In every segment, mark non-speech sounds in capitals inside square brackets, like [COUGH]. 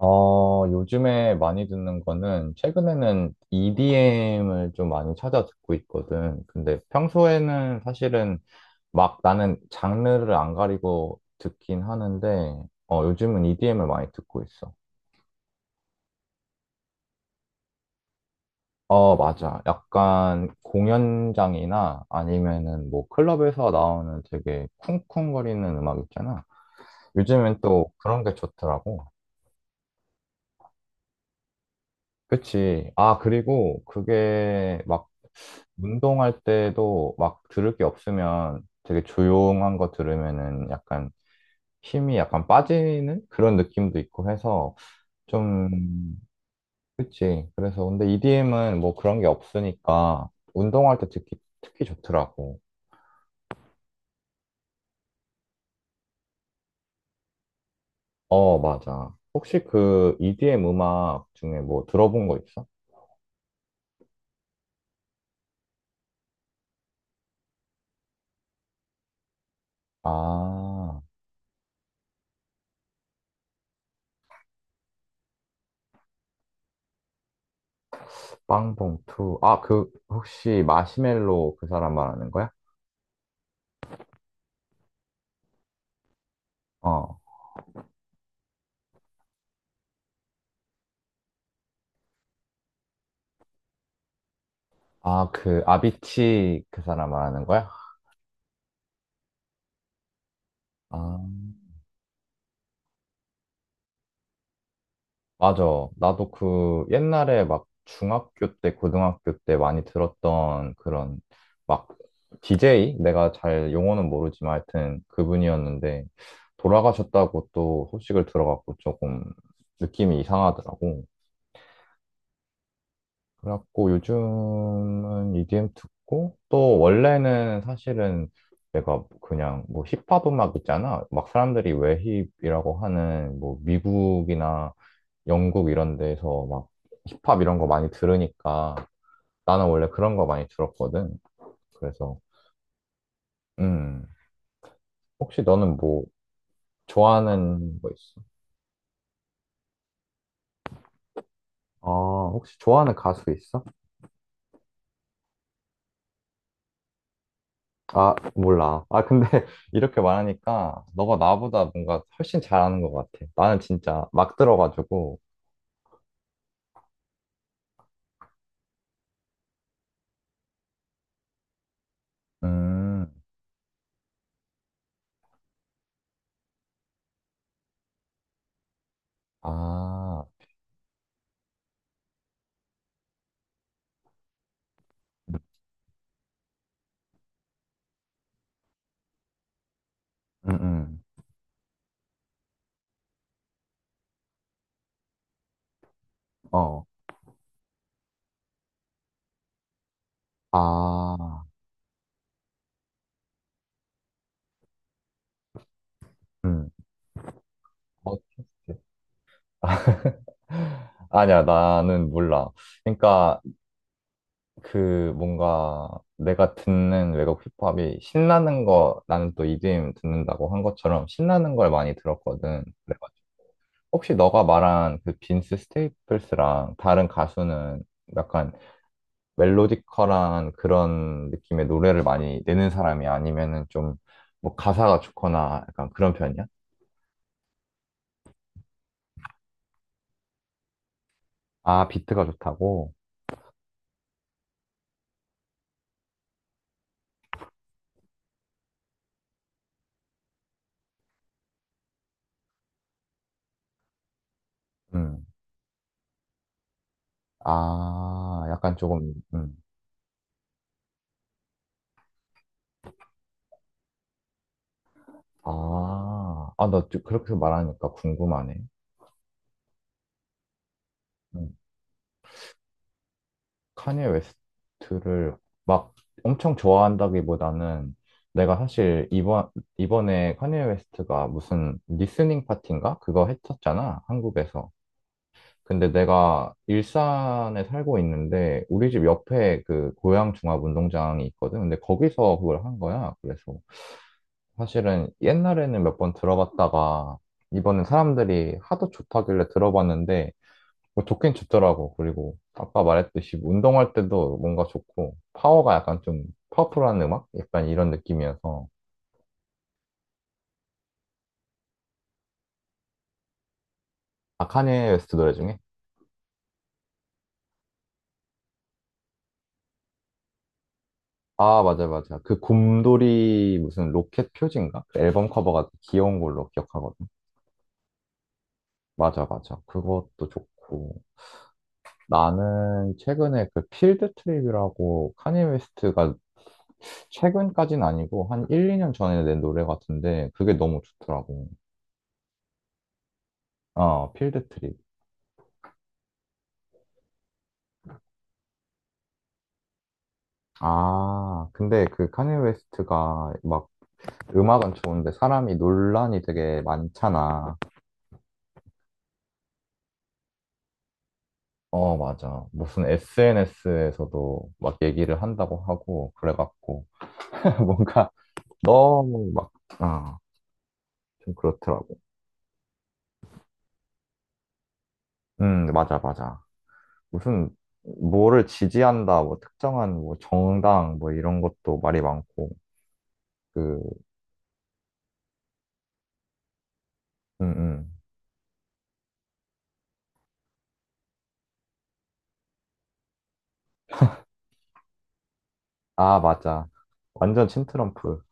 어, 요즘에 많이 듣는 거는 최근에는 EDM을 좀 많이 찾아 듣고 있거든. 근데 평소에는 사실은 막 나는 장르를 안 가리고 듣긴 하는데, 어, 요즘은 EDM을 많이 듣고 있어. 어, 맞아. 약간 공연장이나 아니면은 뭐 클럽에서 나오는 되게 쿵쿵거리는 음악 있잖아. 요즘엔 또 그런 게 좋더라고. 그치. 아, 그리고 그게 막 운동할 때도 막 들을 게 없으면 되게 조용한 거 들으면은 약간 힘이 약간 빠지는 그런 느낌도 있고 해서 좀, 그치. 그래서 근데 EDM은 뭐 그런 게 없으니까 운동할 때 듣기 특히 좋더라고. 어, 맞아. 혹시 그 EDM 음악 중에 뭐 들어본 거 있어? 아, 빵봉투. 아, 그 혹시 마시멜로 그 사람 말하는 거야? 어. 아, 그 아비치 그 사람 말하는 거야? 아, 맞아. 나도 그 옛날에 막 중학교 때, 고등학교 때 많이 들었던 그런 막 DJ? 내가 잘 용어는 모르지만 하여튼 그분이었는데 돌아가셨다고 또 소식을 들어갖고 조금 느낌이 이상하더라고. 그래갖고 요즘은 EDM 듣고 또 원래는 사실은 내가 그냥 뭐 힙합 음악 있잖아. 막 사람들이 왜 힙이라고 하는 뭐 미국이나 영국 이런 데서 막 힙합 이런 거 많이 들으니까 나는 원래 그런 거 많이 들었거든. 그래서, 음, 혹시 너는 뭐 좋아하는 거 있어? 아, 혹시 좋아하는 가수 있어? 아, 몰라. 아, 근데 [LAUGHS] 이렇게 말하니까 너가 나보다 뭔가 훨씬 잘하는 것 같아. 나는 진짜 막 들어가지고, 음, 아, 음, 음, 어, 아, 음, 어떻게? [LAUGHS] 아니야, 나는 몰라. 그러니까 그 뭔가 내가 듣는 외국 힙합이 신나는 거 나는 또 EDM 듣는다고 한 것처럼 신나는 걸 많이 들었거든. 그래가지고 혹시 너가 말한 그 빈스 스테이플스랑 다른 가수는 약간 멜로디컬한 그런 느낌의 노래를 많이 내는 사람이 아니면은 좀 뭐 가사가 좋거나 약간 그런 편이야? 아, 비트가 좋다고? 음. 아, 약간 조금, 아, 아, 너 좀 그렇게 말하니까 궁금하네. 음. 카니에 웨스트를 막 엄청 좋아한다기보다는 내가 사실 이번에 카니에 웨스트가 무슨 리스닝 파티인가? 그거 했었잖아, 한국에서. 근데 내가 일산에 살고 있는데 우리 집 옆에 그 고양종합운동장이 있거든. 근데 거기서 그걸 한 거야. 그래서 사실은 옛날에는 몇 번 들어봤다가 이번에 사람들이 하도 좋다길래 들어봤는데 뭐 좋긴 좋더라고. 그리고 아까 말했듯이 운동할 때도 뭔가 좋고 파워가 약간 좀 파워풀한 음악? 약간 이런 느낌이어서 아 카니에 웨스트 노래 중에 아 맞아 맞아 그 곰돌이 무슨 로켓 표지인가? 그 앨범 커버가 귀여운 걸로 기억하거든. 맞아 맞아 그것도 좋고 나는 최근에 그 필드 트립이라고 카니 웨스트가 최근까진 아니고 한 1, 2년 전에 낸 노래 같은데 그게 너무 좋더라고. 어 필드 트립. 아, 근데 그 카니 웨스트가 막 음악은 좋은데 사람이 논란이 되게 많잖아. 어, 맞아. 무슨 SNS에서도 막 얘기를 한다고 하고 그래갖고 [LAUGHS] 뭔가 너무 막, 아, 좀 그렇더라고. 맞아, 맞아. 무슨 뭐를 지지한다, 뭐 특정한 뭐 정당 뭐 이런 것도 말이 많고 그, 음, 음. 아, 맞아. 완전 친트럼프.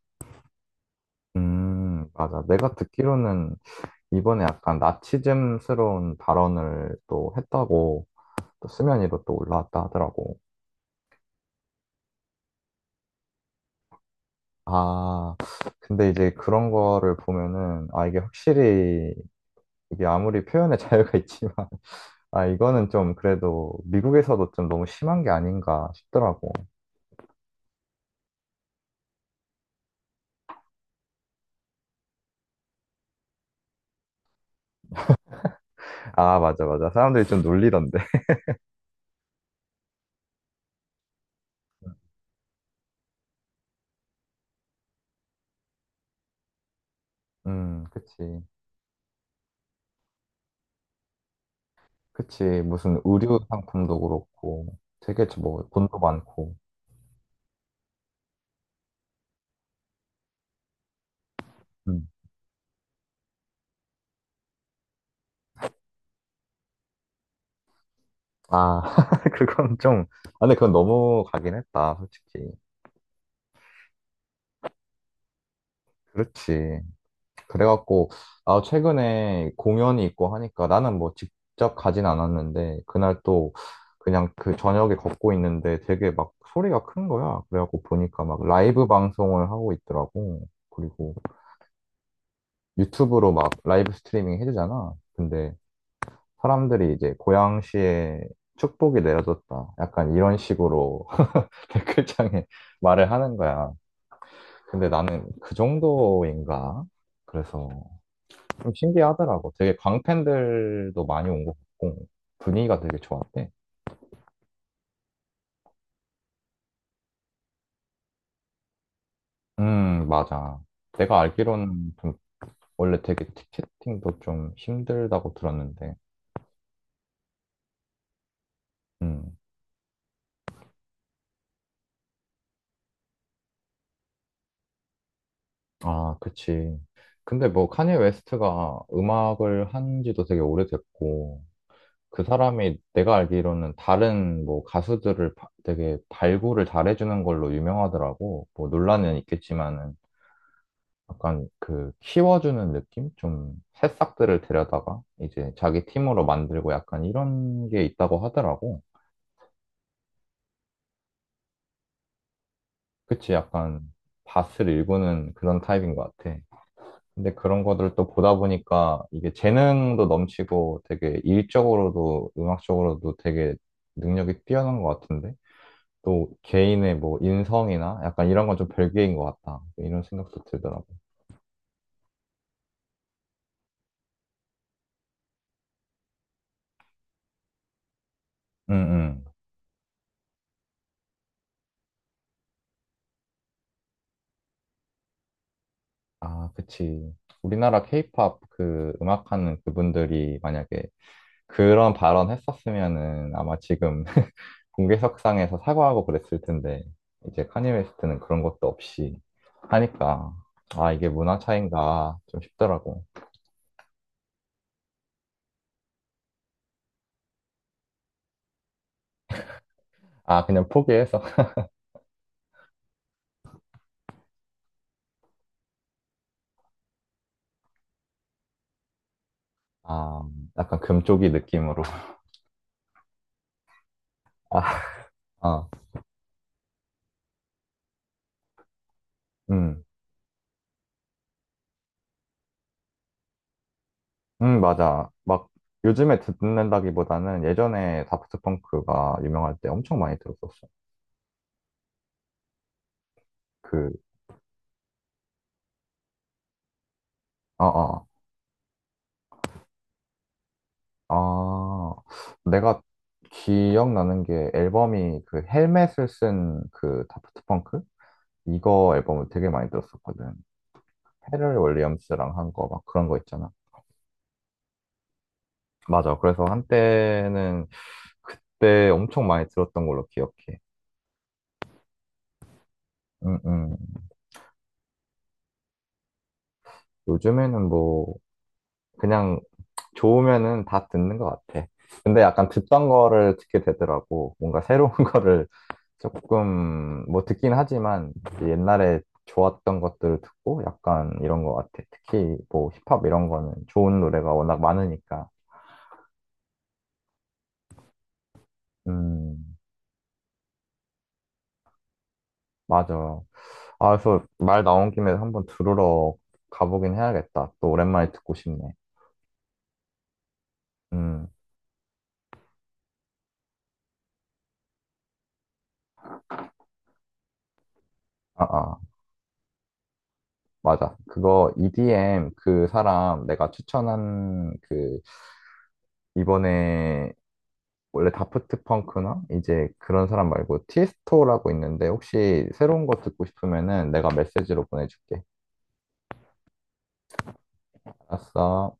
맞아. 내가 듣기로는 이번에 약간 나치즘스러운 발언을 또 했다고 또 수면위로 또 올라왔다 하더라고. 아, 근데 이제 그런 거를 보면은, 아, 이게 확실히, 이게 아무리 표현의 자유가 있지만, [LAUGHS] 아, 이거는 좀 그래도 미국에서도 좀 너무 심한 게 아닌가 싶더라고. 아, 맞아, 맞아. 사람들이 좀 놀리던데. [LAUGHS] 그치. 그치. 무슨 의류 상품도 그렇고, 되게 뭐, 돈도 많고. 음. 아, [LAUGHS] 그건 좀, 아, 근데 그건 너무 가긴 했다, 솔직히. 그렇지. 그래갖고, 아, 최근에 공연이 있고 하니까 나는 뭐 직접 가진 않았는데, 그날 또 그냥 그 저녁에 걷고 있는데 되게 막 소리가 큰 거야. 그래갖고 보니까 막 라이브 방송을 하고 있더라고. 그리고 유튜브로 막 라이브 스트리밍 해주잖아. 근데 사람들이 이제 고양시에 축복이 내려졌다. 약간 이런 식으로 [LAUGHS] 댓글창에 말을 하는 거야. 근데 나는 그 정도인가? 그래서 좀 신기하더라고. 되게 광팬들도 많이 온 것 같고, 분위기가 되게 좋았대. 맞아. 내가 알기로는 좀 원래 되게 티켓팅도 좀 힘들다고 들었는데, 음, 아, 그치. 근데 뭐 카니 웨스트가 음악을 한 지도 되게 오래됐고, 그 사람이 내가 알기로는 다른 뭐 가수들을 바- 되게 발굴을 잘해주는 걸로 유명하더라고. 뭐 논란은 있겠지만은. 약간 그 키워주는 느낌? 좀 새싹들을 데려다가 이제 자기 팀으로 만들고 약간 이런 게 있다고 하더라고. 그치, 약간 밭을 일구는 그런 타입인 것 같아. 근데 그런 거를 또 보다 보니까 이게 재능도 넘치고 되게 일적으로도 음악적으로도 되게 능력이 뛰어난 것 같은데 또 개인의 뭐 인성이나 약간 이런 건 좀 별개인 것 같다. 이런 생각도 들더라고. 응, 응. 아, 그치. 우리나라 케이팝 그 음악하는 그분들이 만약에 그런 발언 했었으면은 아마 지금 [LAUGHS] 공개석상에서 사과하고 그랬을 텐데, 이제 카니 웨스트는 그런 것도 없이 하니까, 아, 이게 문화 차이인가 좀 싶더라고. 아, 그냥 포기해서. [LAUGHS] 아, 약간 금쪽이 느낌으로. [LAUGHS] 아, 아, 음, 맞아. 막 요즘에 듣는다기보다는 예전에 다프트 펑크가 유명할 때 엄청 많이 들었었어. 그, 어어. 아, 내가 기억나는 게 앨범이 그 헬멧을 쓴 그 다프트 펑크? 이거 앨범을 되게 많이 들었었거든. 페럴 윌리엄스랑 한 거 막 그런 거 있잖아. 맞아. 그래서 한때는 그때 엄청 많이 들었던 걸로 기억해. 음, 음. 요즘에는 뭐 그냥 좋으면은 다 듣는 것 같아. 근데 약간 듣던 거를 듣게 되더라고. 뭔가 새로운 [LAUGHS] 거를 조금 뭐 듣긴 하지만 이제 옛날에 좋았던 것들을 듣고 약간 이런 것 같아. 특히 뭐 힙합 이런 거는 좋은 노래가 워낙 많으니까. 음, 맞아. 아, 그래서 말 나온 김에 한번 들으러 가보긴 해야겠다. 또 오랜만에 듣고 싶네. 음, 아, 아, 맞아. 그거 EDM 그 사람 내가 추천한 그 이번에 원래 다프트 펑크나 이제 그런 사람 말고 티에스토라고 있는데 혹시 새로운 거 듣고 싶으면은 내가 메시지로 보내줄게. 알았어.